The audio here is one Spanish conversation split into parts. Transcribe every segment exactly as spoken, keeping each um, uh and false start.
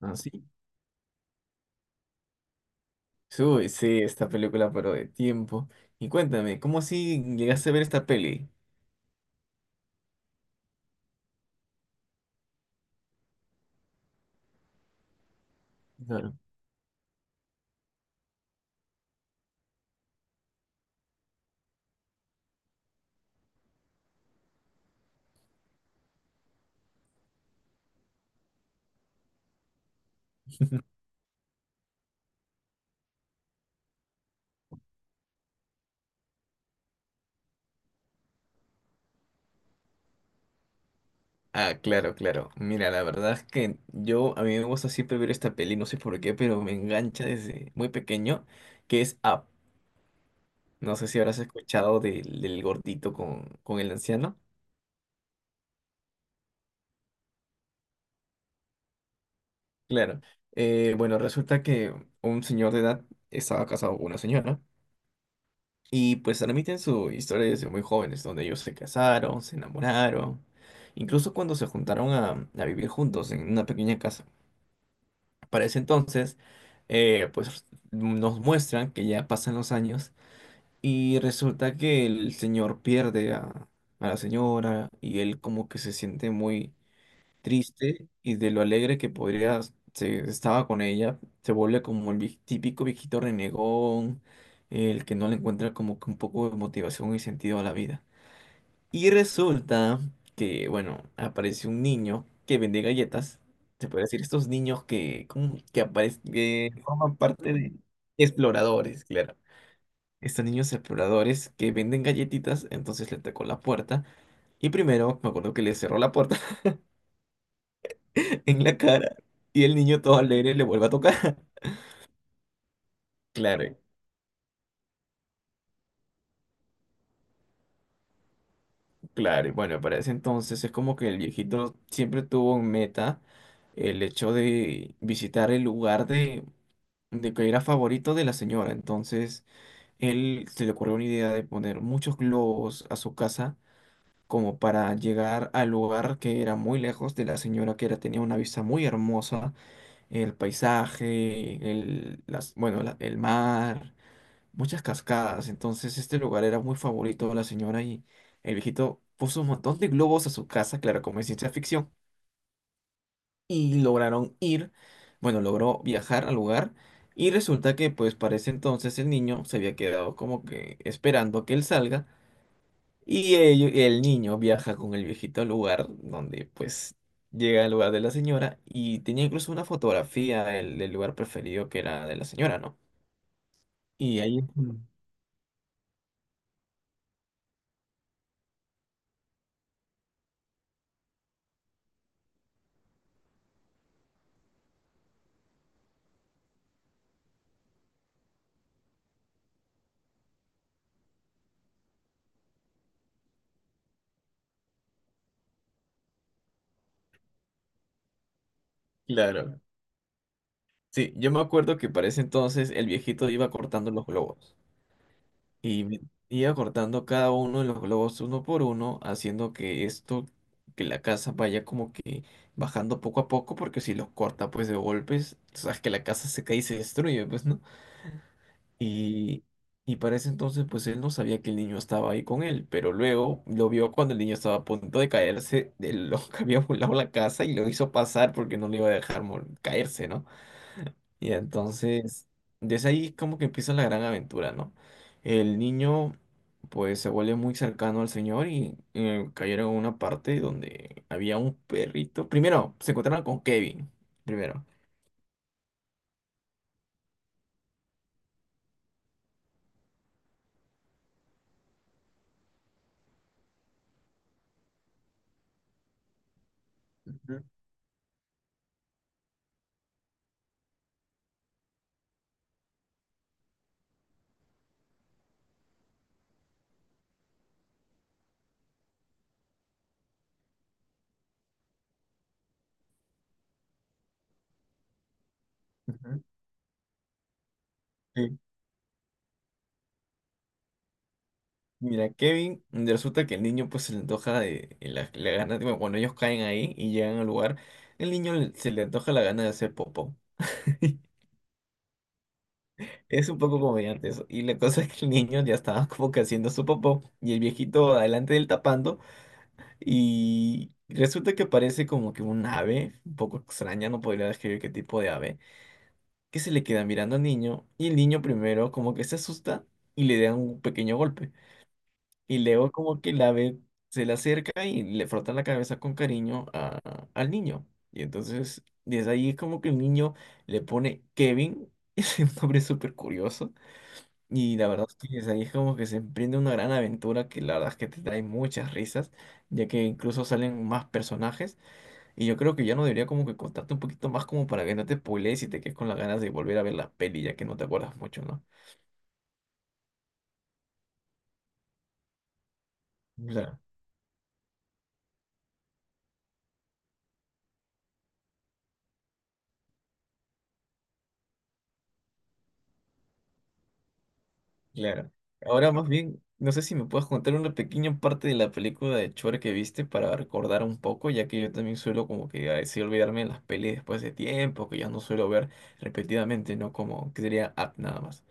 Ah, sí. Uy, sí, esta película, pero de tiempo. Y cuéntame, ¿cómo así llegaste a ver esta peli? Claro. Ah, claro, claro. Mira, la verdad es que yo, a mí me gusta siempre ver esta peli, no sé por qué, pero me engancha desde muy pequeño, que es Up. No sé si habrás escuchado del, del gordito con, con el anciano. Claro. Eh, bueno, resulta que un señor de edad estaba casado con una señora. Y pues transmiten su historia desde muy jóvenes, donde ellos se casaron, se enamoraron, incluso cuando se juntaron a, a vivir juntos en una pequeña casa. Para ese entonces, eh, pues nos muestran que ya pasan los años y resulta que el señor pierde a, a la señora y él como que se siente muy triste, y de lo alegre que podría se estaba con ella, se vuelve como el vie- típico viejito renegón, el que no le encuentra como que un poco de motivación y sentido a la vida. Y resulta que, bueno, aparece un niño que vende galletas. Se puede decir, estos niños que, como que aparecen, que forman parte de exploradores, claro. Estos niños exploradores que venden galletitas, entonces le tocó la puerta. Y primero, me acuerdo que le cerró la puerta en la cara, y el niño todo alegre le vuelve a tocar. Claro, claro. Y bueno, para ese entonces es como que el viejito siempre tuvo en meta el hecho de visitar el lugar de, de que era favorito de la señora. Entonces, él se le ocurrió una idea de poner muchos globos a su casa como para llegar al lugar que era muy lejos de la señora, que era, tenía una vista muy hermosa, el paisaje, el, las, bueno, la- el mar, muchas cascadas. Entonces este lugar era muy favorito de la señora, y el viejito puso un montón de globos a su casa, claro, como es ciencia ficción, y lograron ir, bueno, logró viajar al lugar, y resulta que pues para ese entonces el niño se había quedado como que esperando que él salga, y ello- el niño viaja con el viejito al lugar donde pues... llega al lugar de la señora, y tenía incluso una fotografía del, del lugar preferido que era de la señora, ¿no? Y ahí, mm, claro. Sí, yo me acuerdo que para ese entonces el viejito iba cortando los globos, y me- iba cortando cada uno de los globos uno por uno, haciendo que esto, que la casa vaya como que bajando poco a poco, porque si los corta pues de golpes, sabes que la casa se cae y se destruye, pues, ¿no? Y, y para ese entonces pues él no sabía que el niño estaba ahí con él, pero luego lo vio cuando el niño estaba a punto de caerse de lo que había volado la casa, y lo hizo pasar porque no le iba a dejar mor- caerse, ¿no? Y entonces, desde ahí como que empieza la gran aventura, ¿no? El niño pues se vuelve muy cercano al señor, y eh, cayeron en una parte donde había un perrito. Primero, se encontraron con Kevin, primero. Ujú, ujú. Sí. Mira, Kevin, resulta que el niño pues se le antoja de, de la, la gana, bueno, cuando ellos caen ahí y llegan al lugar, el niño le- se le antoja la gana de hacer popó. Es un poco comediante eso. Y la cosa es que el niño ya estaba como que haciendo su popó y el viejito adelante del tapando, y resulta que parece como que un ave, un poco extraña, no podría describir qué tipo de ave, que se le queda mirando al niño, y el niño primero como que se asusta y le da un pequeño golpe. Y luego como que el ave se le acerca y le frota la cabeza con cariño a- al niño. Y entonces desde ahí es como que el niño le pone Kevin, es un nombre súper curioso. Y la verdad es que desde ahí es como que se emprende una gran aventura que la verdad es que te trae muchas risas, ya que incluso salen más personajes. Y yo creo que ya no debería como que contarte un poquito más como para que no te spoilees y te quedes con las ganas de volver a ver la peli, ya que no te acuerdas mucho, ¿no? Claro, claro. Ahora más bien, no sé si me puedes contar una pequeña parte de la película de Chore que viste para recordar un poco, ya que yo también suelo como que a veces olvidarme de las pelis después de tiempo, que ya no suelo ver repetidamente, ¿no? Como que sería app nada más.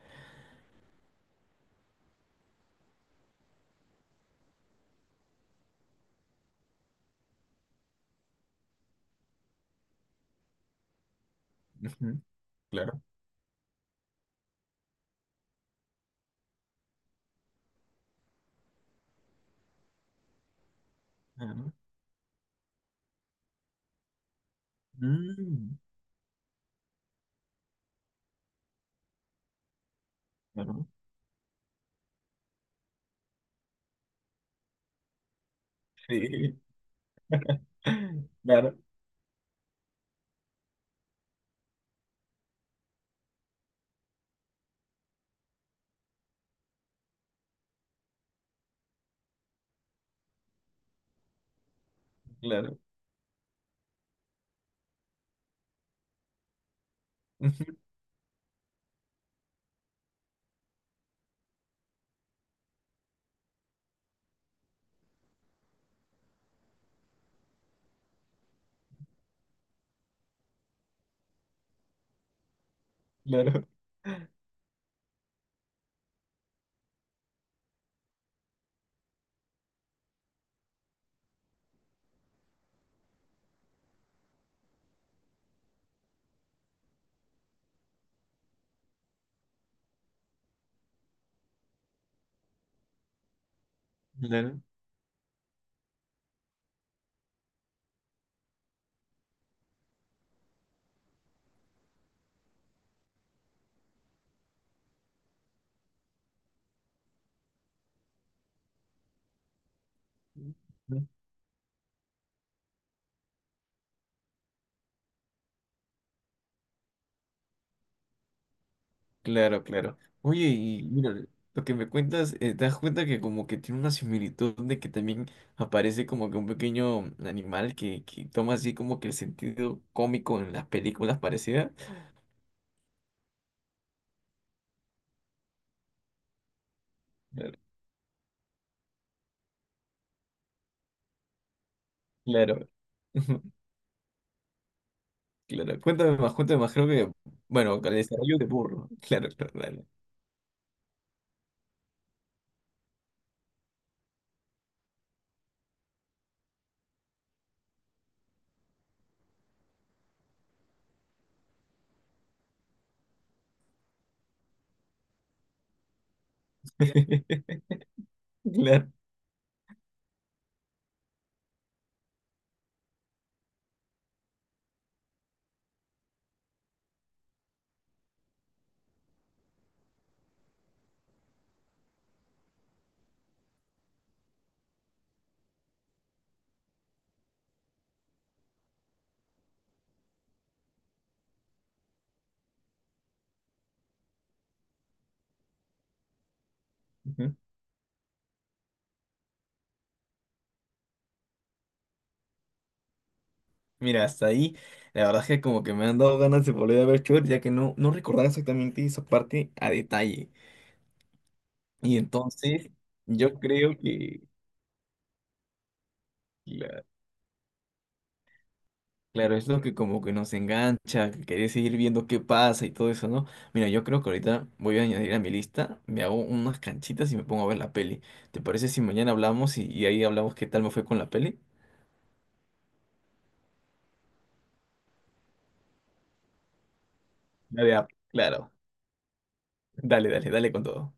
Ujú. Claro. Claro. Mm, claro, sí. Claro, claro. Claro, claro. Claro, claro. Oye, y mira, lo que me cuentas, eh, te das cuenta que como que tiene una similitud de que también aparece como que un pequeño animal que, que toma así como que el sentido cómico en las películas parecidas. Claro. Claro. Claro. Cuéntame más, cuéntame más. Creo que, bueno, el desarrollo de burro. Claro, claro, dale. Claro. Mira, hasta ahí, la verdad es que como que me han dado ganas de volver a ver Shrek, ya que no, no recordaba exactamente esa parte a detalle. Y entonces, yo creo que, cla- claro, es lo que como que nos engancha, que querés seguir viendo qué pasa y todo eso, ¿no? Mira, yo creo que ahorita voy a añadir a mi lista, me hago unas canchitas y me pongo a ver la peli. ¿Te parece si mañana hablamos y, y ahí hablamos qué tal me fue con la peli? Dale, ah, claro. Dale, dale, dale con todo.